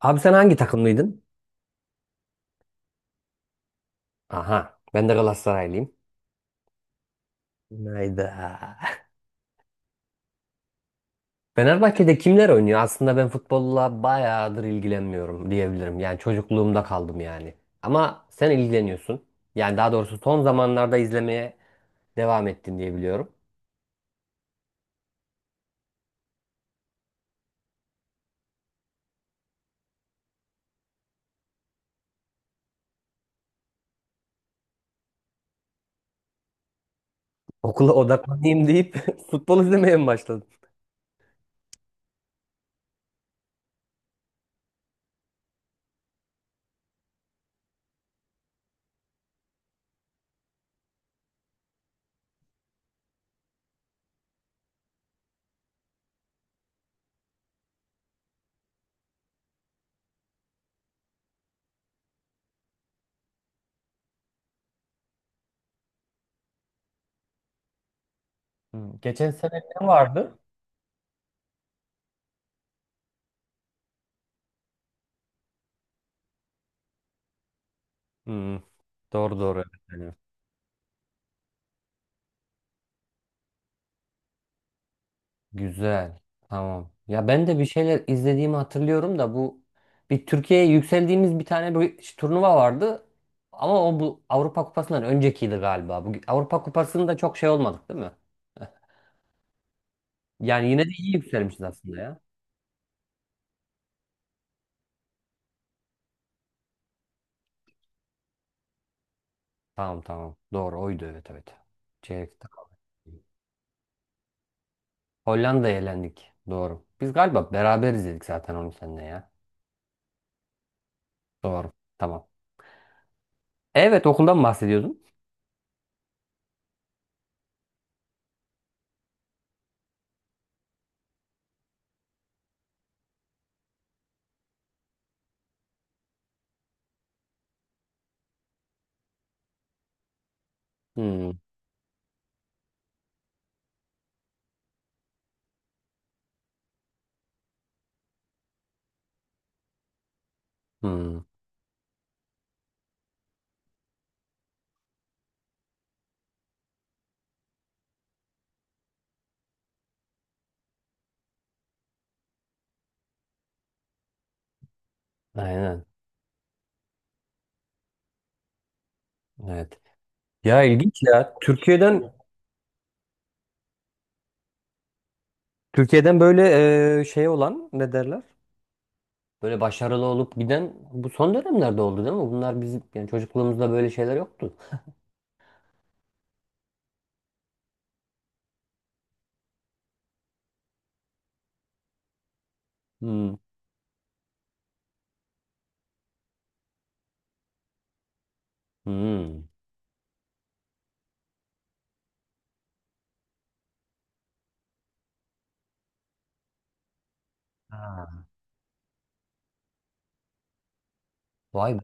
Abi sen hangi takımlıydın? Aha, ben de Galatasaraylıyım. Hayda. Fenerbahçe'de kimler oynuyor? Aslında ben futbolla bayağıdır ilgilenmiyorum diyebilirim. Yani çocukluğumda kaldım yani. Ama sen ilgileniyorsun. Yani daha doğrusu son zamanlarda izlemeye devam ettin diye biliyorum. Okula odaklanayım deyip futbol izlemeye mi başladın? Hmm. Geçen sene ne vardı? Hmm, doğru. Güzel. Tamam. Ya ben de bir şeyler izlediğimi hatırlıyorum da bu bir Türkiye'ye yükseldiğimiz bir tane bir turnuva vardı. Ama o bu Avrupa Kupası'ndan öncekiydi galiba. Bu Avrupa Kupası'nda çok şey olmadık değil mi? Yani yine de iyi yükselmişiz aslında ya. Tamam. Doğru oydu, evet, evet. Çeyrekte kaldık. Hollanda'ya elendik. Doğru. Biz galiba beraber izledik zaten onu seninle ya. Doğru. Tamam. Evet, okuldan bahsediyordum. Hmm. Hmm. Aynen. Evet. Ya ilginç ya. Türkiye'den böyle şey olan ne derler? Böyle başarılı olup giden bu son dönemlerde oldu değil mi? Bunlar bizim yani çocukluğumuzda böyle şeyler yoktu. Hmm. Hmm. Ha. Vay be.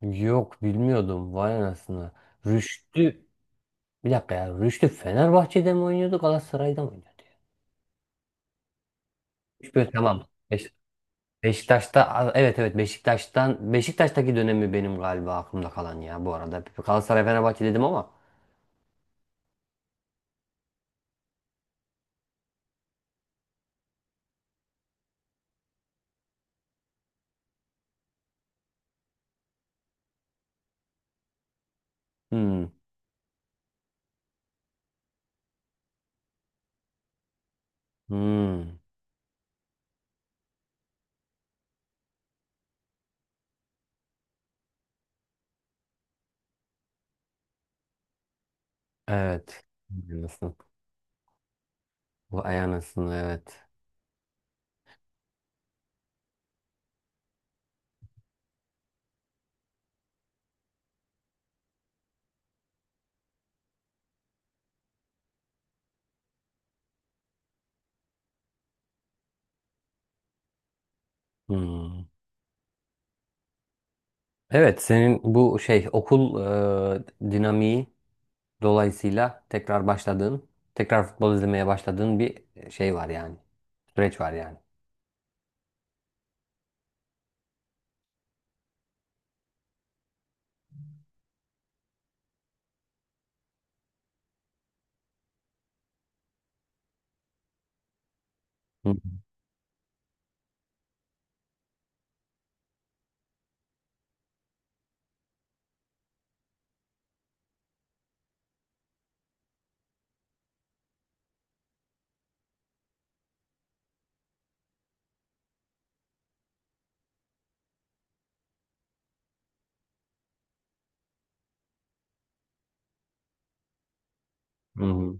Yok bilmiyordum. Vay anasını. Rüştü. Bir dakika ya. Rüştü Fenerbahçe'de mi oynuyordu, Galatasaray'da mı oynuyordu ya? Üç tamam. Beşiktaş'ta evet, evet, Beşiktaş'taki dönemi benim galiba aklımda kalan ya bu arada. Galatasaray Fenerbahçe dedim ama. Hmm. Hmm. Evet. Aynısın. Bu aynısın, evet. Hmm. Evet, senin bu şey okul dinamiği dolayısıyla tekrar başladığın, tekrar futbol izlemeye başladığın bir şey var yani. Süreç var yani. Hı hı.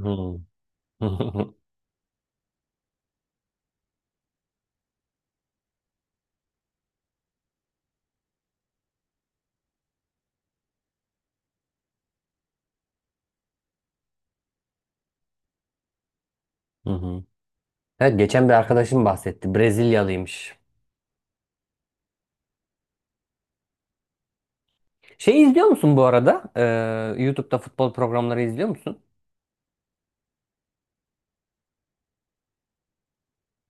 Hı hı. Hı hı. Evet, geçen bir arkadaşım bahsetti. Brezilyalıymış. Şey izliyor musun bu arada? YouTube'da futbol programları izliyor musun?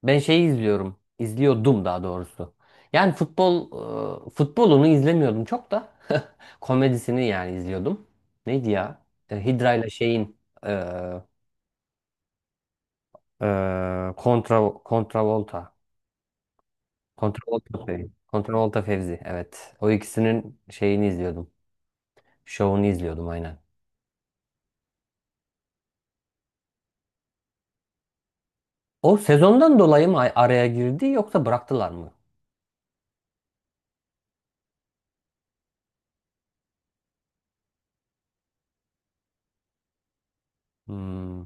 Ben şeyi izliyorum. İzliyordum daha doğrusu. Yani futbol futbolunu izlemiyordum, çok da komedisini yani izliyordum. Neydi ya? E, Hydra ile şeyin e, kontra kontravolta. Kontravolta Fevzi. Kontravolta Fevzi, evet. O ikisinin şeyini izliyordum. Şovunu izliyordum aynen. O sezondan dolayı mı araya girdi, yoksa bıraktılar mı? Hmm.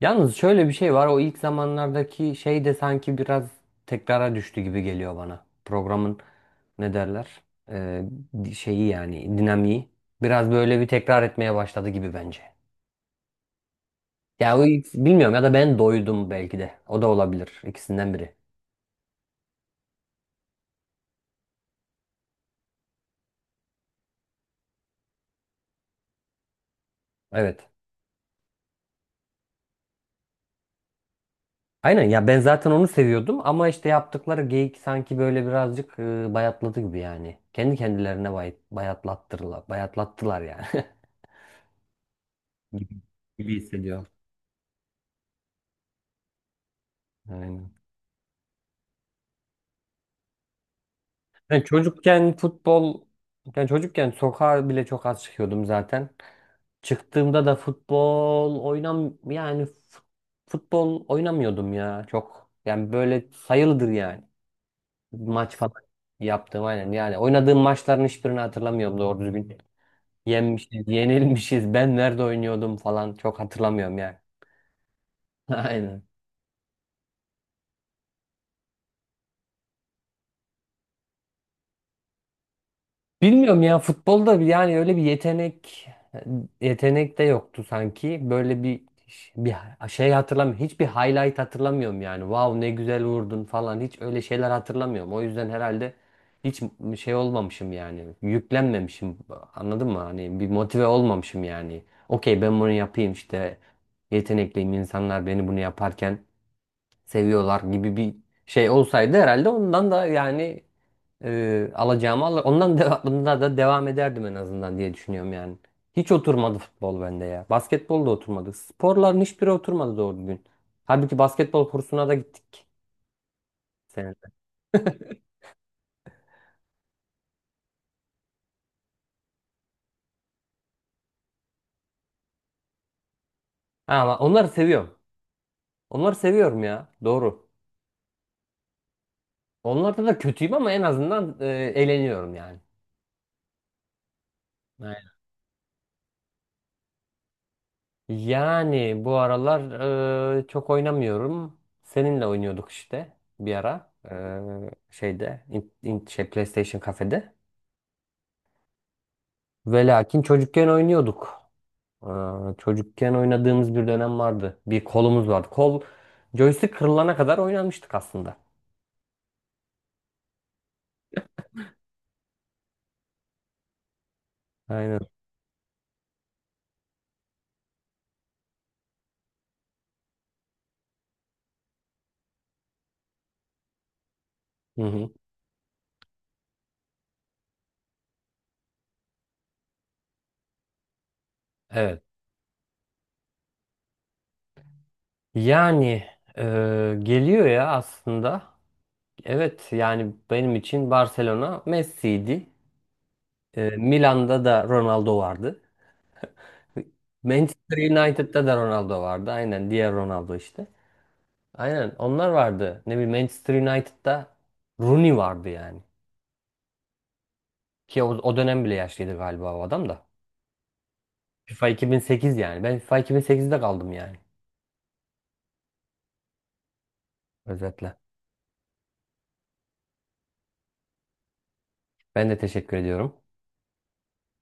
Yalnız şöyle bir şey var. O ilk zamanlardaki şey de sanki biraz tekrara düştü gibi geliyor bana. Programın ne derler? Ee, Şeyi yani dinamiği. Biraz böyle bir tekrar etmeye başladı gibi bence. Ya o ilk, bilmiyorum, ya da ben doydum belki de. O da olabilir. İkisinden biri. Evet. Aynen ya, ben zaten onu seviyordum ama işte yaptıkları geyik sanki böyle birazcık bayatladı gibi yani. Kendi kendilerine bayatlattılar yani. Gibi gibi hissediyorum. Aynen. Ben çocukken futbol, yani çocukken sokağa bile çok az çıkıyordum zaten. Çıktığımda da futbol oynam yani futbol oynamıyordum ya çok. Yani böyle sayılıdır yani. Maç falan yaptım aynen. Yani oynadığım maçların hiçbirini hatırlamıyorum doğru düzgün. Yenmişiz, yenilmişiz. Ben nerede oynuyordum falan çok hatırlamıyorum yani. Aynen. Bilmiyorum ya, futbolda yani öyle bir yetenek de yoktu sanki. Böyle bir şey hatırlamıyorum. Hiçbir highlight hatırlamıyorum yani. Wow, ne güzel vurdun falan, hiç öyle şeyler hatırlamıyorum. O yüzden herhalde hiç şey olmamışım yani. Yüklenmemişim. Anladın mı? Hani bir motive olmamışım yani. Okey, ben bunu yapayım işte. Yetenekliyim, insanlar beni bunu yaparken seviyorlar gibi bir şey olsaydı herhalde ondan da yani alacağımı al, ondan da bunda da devam ederdim en azından diye düşünüyorum yani. Hiç oturmadı futbol bende ya. Basketbol da oturmadı. Sporların hiçbiri oturmadı doğru düzgün. Halbuki basketbol kursuna da gittik senede. Ama onları seviyorum. Onları seviyorum ya. Doğru. Onlarda da kötüyüm ama en azından eğleniyorum yani. Aynen. Yani bu aralar çok oynamıyorum. Seninle oynuyorduk işte bir ara. Şeyde şey PlayStation kafede. Ve lakin çocukken oynuyorduk. Aa, çocukken oynadığımız bir dönem vardı. Bir kolumuz vardı. Kol joystick kırılana kadar oynamıştık aslında. Aynen. Hı hı. Evet. Yani e, geliyor ya aslında. Evet yani benim için Barcelona Messi'ydi. E, Milan'da da Ronaldo vardı. Manchester United'da da Ronaldo vardı. Aynen, diğer Ronaldo işte. Aynen, onlar vardı. Ne bileyim, Manchester United'da Rooney vardı yani. Ki o, o dönem bile yaşlıydı galiba o adam da. FIFA 2008 yani. Ben FIFA 2008'de kaldım yani. Özetle. Ben de teşekkür ediyorum.